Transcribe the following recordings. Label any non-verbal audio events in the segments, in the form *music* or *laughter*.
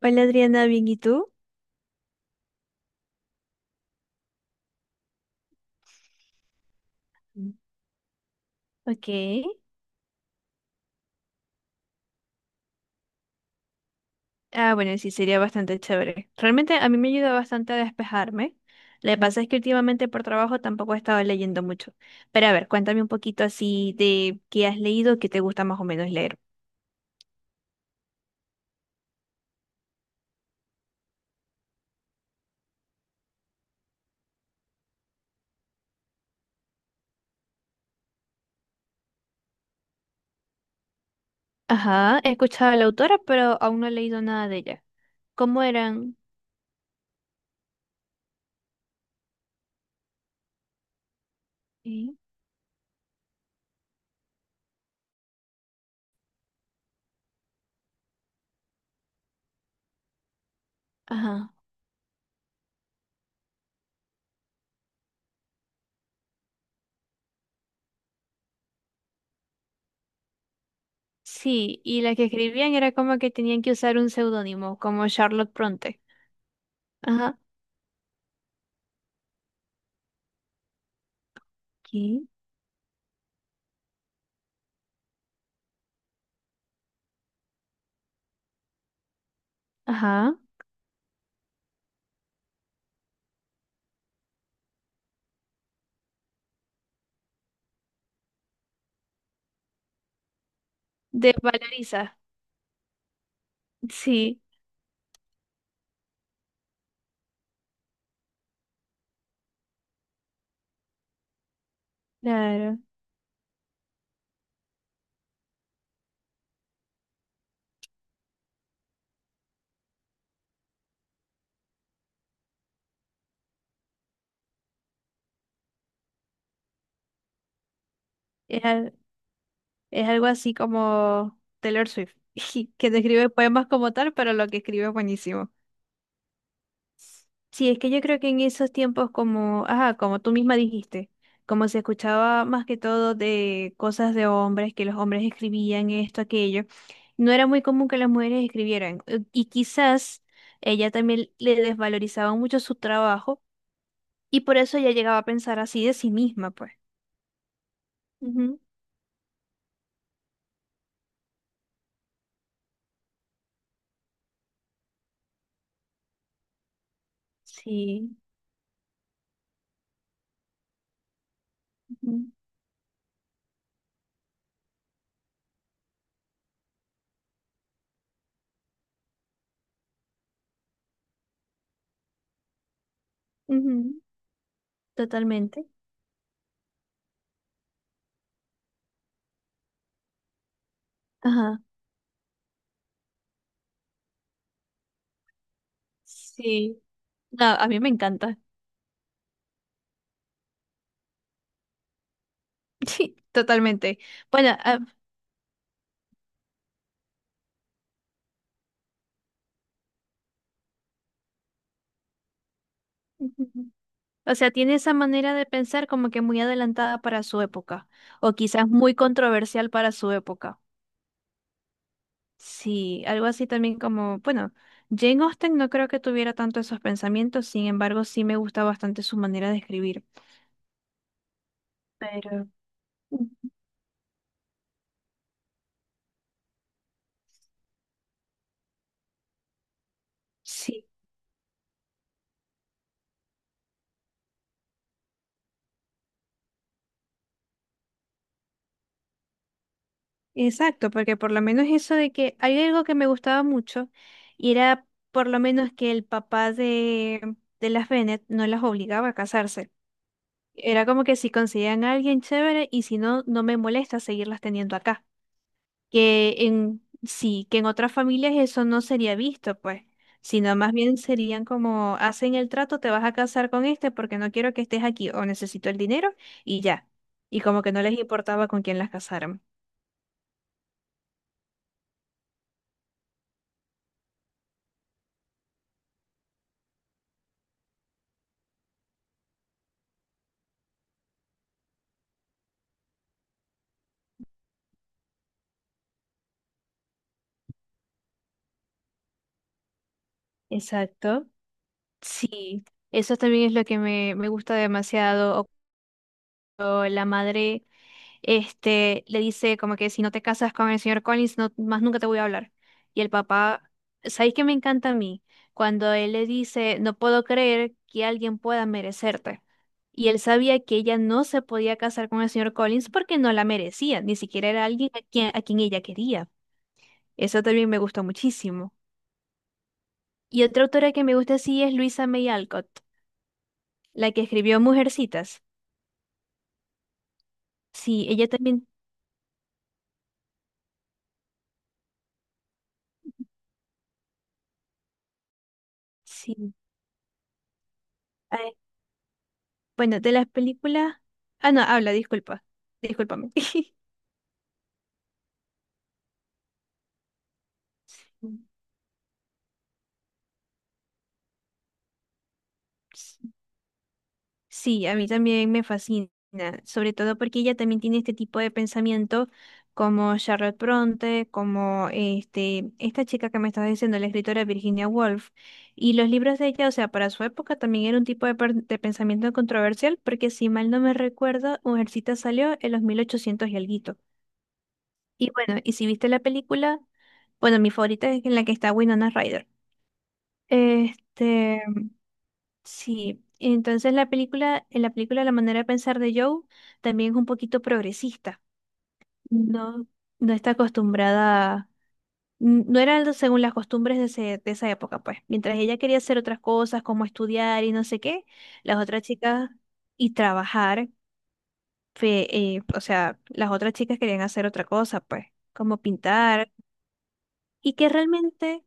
Hola Adriana, bien, ¿y tú? Mm. Ok. Ah, bueno, sí, sería bastante chévere. Realmente a mí me ayuda bastante a despejarme. Lo que pasa es que últimamente por trabajo tampoco he estado leyendo mucho. Pero a ver, cuéntame un poquito así de qué has leído, qué te gusta más o menos leer. Ajá, he escuchado a la autora, pero aún no he leído nada de ella. ¿Cómo eran? Sí. Ajá. Sí, y las que escribían era como que tenían que usar un seudónimo, como Charlotte Bronte. Ajá. ¿Qué? Ajá. De Valeriza. Sí. Claro, es, al- es algo así como Taylor Swift, *laughs* que no escribe poemas como tal, pero lo que escribe es buenísimo. Sí, es que yo creo que en esos tiempos como, ajá, como tú misma dijiste, como se escuchaba más que todo de cosas de hombres, que los hombres escribían esto, aquello, no era muy común que las mujeres escribieran. Y quizás ella también le desvalorizaba mucho su trabajo y por eso ella llegaba a pensar así de sí misma, pues. Ujú. Sí. Ujú. Ujú. Totalmente. Ajá. Sí, no, a mí me encanta. *laughs* Sí, totalmente. Bueno, ah, ujú. O sea, tiene esa manera de pensar como que muy adelantada para su época, o quizás muy controversial para su época. Sí, algo así también como, bueno, Jane Austen no creo que tuviera tanto esos pensamientos, sin embargo, sí me gusta bastante su manera de escribir. Pero mm, sí. Exacto, porque por lo menos eso de que hay algo que me gustaba mucho y era por lo menos que el papá de las Bennett no las obligaba a casarse. Era como que si conseguían a alguien chévere y si no, no me molesta seguirlas teniendo acá. Que en sí, que en otras familias eso no sería visto, pues, sino más bien serían como hacen el trato, te vas a casar con este porque no quiero que estés aquí o necesito el dinero y ya. Y como que no les importaba con quién las casaran. Exacto. Sí, eso también es lo que me gusta demasiado. O cuando la madre este, le dice como que si no te casas con el señor Collins, no, más nunca te voy a hablar. Y el papá, ¿sabéis qué me encanta a mí? Cuando él le dice, no puedo creer que alguien pueda merecerte. Y él sabía que ella no se podía casar con el señor Collins porque no la merecía, ni siquiera era alguien a quien ella quería. Eso también me gustó muchísimo. Y otra autora que me gusta así es Luisa May Alcott, la que escribió Mujercitas. Sí, ella también, sí. A ver, bueno, de las películas. Ah, no, habla, disculpa. Discúlpame. *laughs* Sí, a mí también me fascina, sobre todo porque ella también tiene este tipo de pensamiento como Charlotte Bronte, como este, esta chica que me estás diciendo, la escritora Virginia Woolf, y los libros de ella, o sea, para su época también era un tipo de pensamiento controversial, porque si mal no me recuerdo, Mujercita salió en los 1800 y algo. Y bueno, y si viste la película, bueno, mi favorita es en la que está Winona Ryder. Este, sí, entonces la película, en la película la manera de pensar de Joe también es un poquito progresista. No, no está acostumbrada, no era algo según las costumbres de esa época, pues. Mientras ella quería hacer otras cosas, como estudiar y no sé qué, las otras chicas y trabajar, fe- o sea, las otras chicas querían hacer otra cosa, pues, como pintar, y que realmente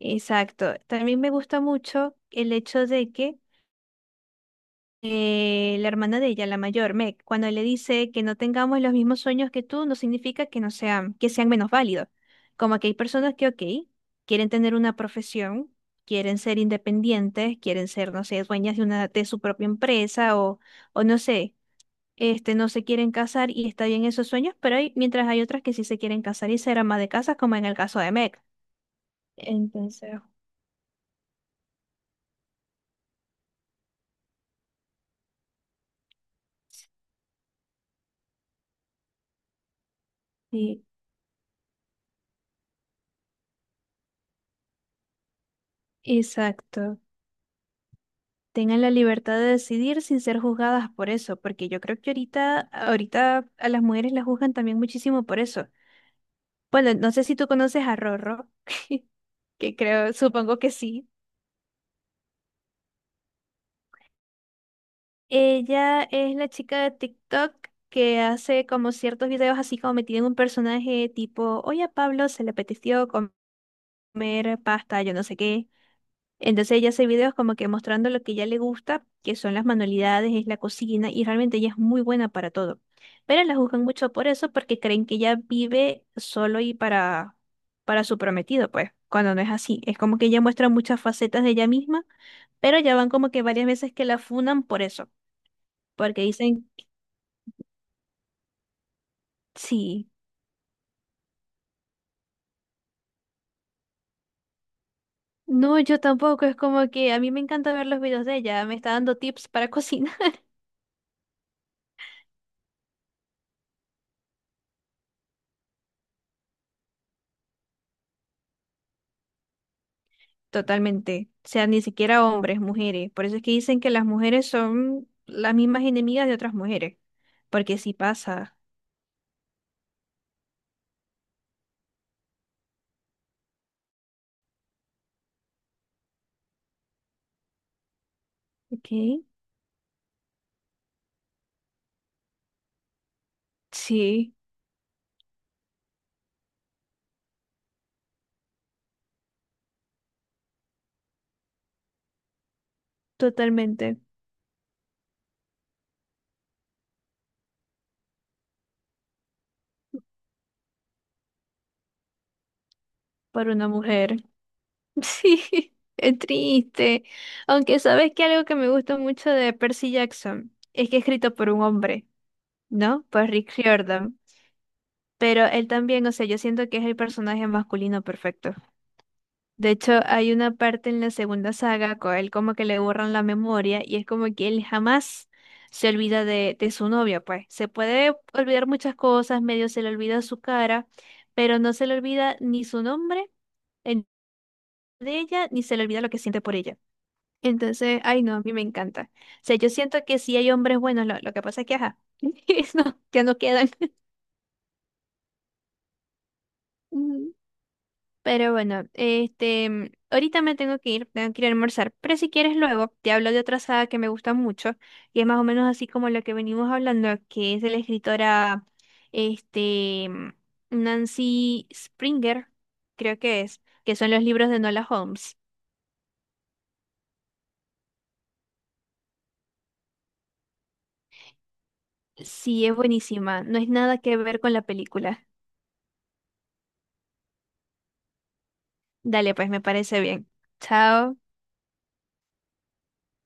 Exacto. También me gusta mucho el hecho de que la hermana de ella, la mayor, Meg, cuando le dice que no tengamos los mismos sueños que tú, no significa que no sean, que sean menos válidos. Como que hay personas que, ok, quieren tener una profesión, quieren ser independientes, quieren ser, no sé, dueñas de una, de su propia empresa o no sé, este, no se quieren casar y está bien esos sueños, pero hay, mientras hay otras que sí se quieren casar y ser ama de casa, como en el caso de Meg. Entonces, sí. Exacto. Tengan la libertad de decidir sin ser juzgadas por eso, porque yo creo que ahorita, ahorita a las mujeres las juzgan también muchísimo por eso. Bueno, no sé si tú conoces a Rorro, *laughs* que creo, supongo que sí. Ella es la chica de TikTok que hace como ciertos videos así como metida en un personaje tipo, oye a Pablo se le apeteció comer pasta, yo no sé qué. Entonces ella hace videos como que mostrando lo que ella le gusta, que son las manualidades, es la cocina, y realmente ella es muy buena para todo. Pero la juzgan mucho por eso, porque creen que ella vive solo y para su prometido, pues, cuando no es así. Es como que ella muestra muchas facetas de ella misma, pero ya van como que varias veces que la funan por eso, porque dicen, sí. No, yo tampoco, es como que a mí me encanta ver los videos de ella, me está dando tips para *laughs* cocinar. Totalmente. O sea, ni siquiera hombres, mujeres. Por eso es que dicen que las mujeres son las mismas enemigas de otras mujeres. Porque sí pasa. ¿Ok? Sí, totalmente. Para una mujer. *laughs* Sí, es triste. Aunque sabes que algo que me gusta mucho de Percy Jackson es que es escrito por un hombre, ¿no? Por Rick Riordan. Pero él también, o sea, yo siento que es el personaje masculino perfecto. De hecho, hay una parte en la segunda saga con él como que le borran la memoria y es como que él jamás se olvida de su novia, pues. Se puede olvidar muchas cosas, medio se le olvida su cara, pero no se le olvida ni su nombre en- de ella, ni se le olvida lo que siente por ella. Entonces, ay no, a mí me encanta. O sea, yo siento que sí hay hombres buenos, lo que pasa es que, ajá, *laughs* no, ya no quedan. *laughs* Pero bueno, este, ahorita me tengo que ir a almorzar. Pero si quieres luego, te hablo de otra saga que me gusta mucho y es más o menos así como lo que venimos hablando, que es de la escritora, este, Nancy Springer, creo que es, que son los libros de Nola Holmes. Sí, es buenísima, no es nada que ver con la película. Dale, pues me parece bien. Chao.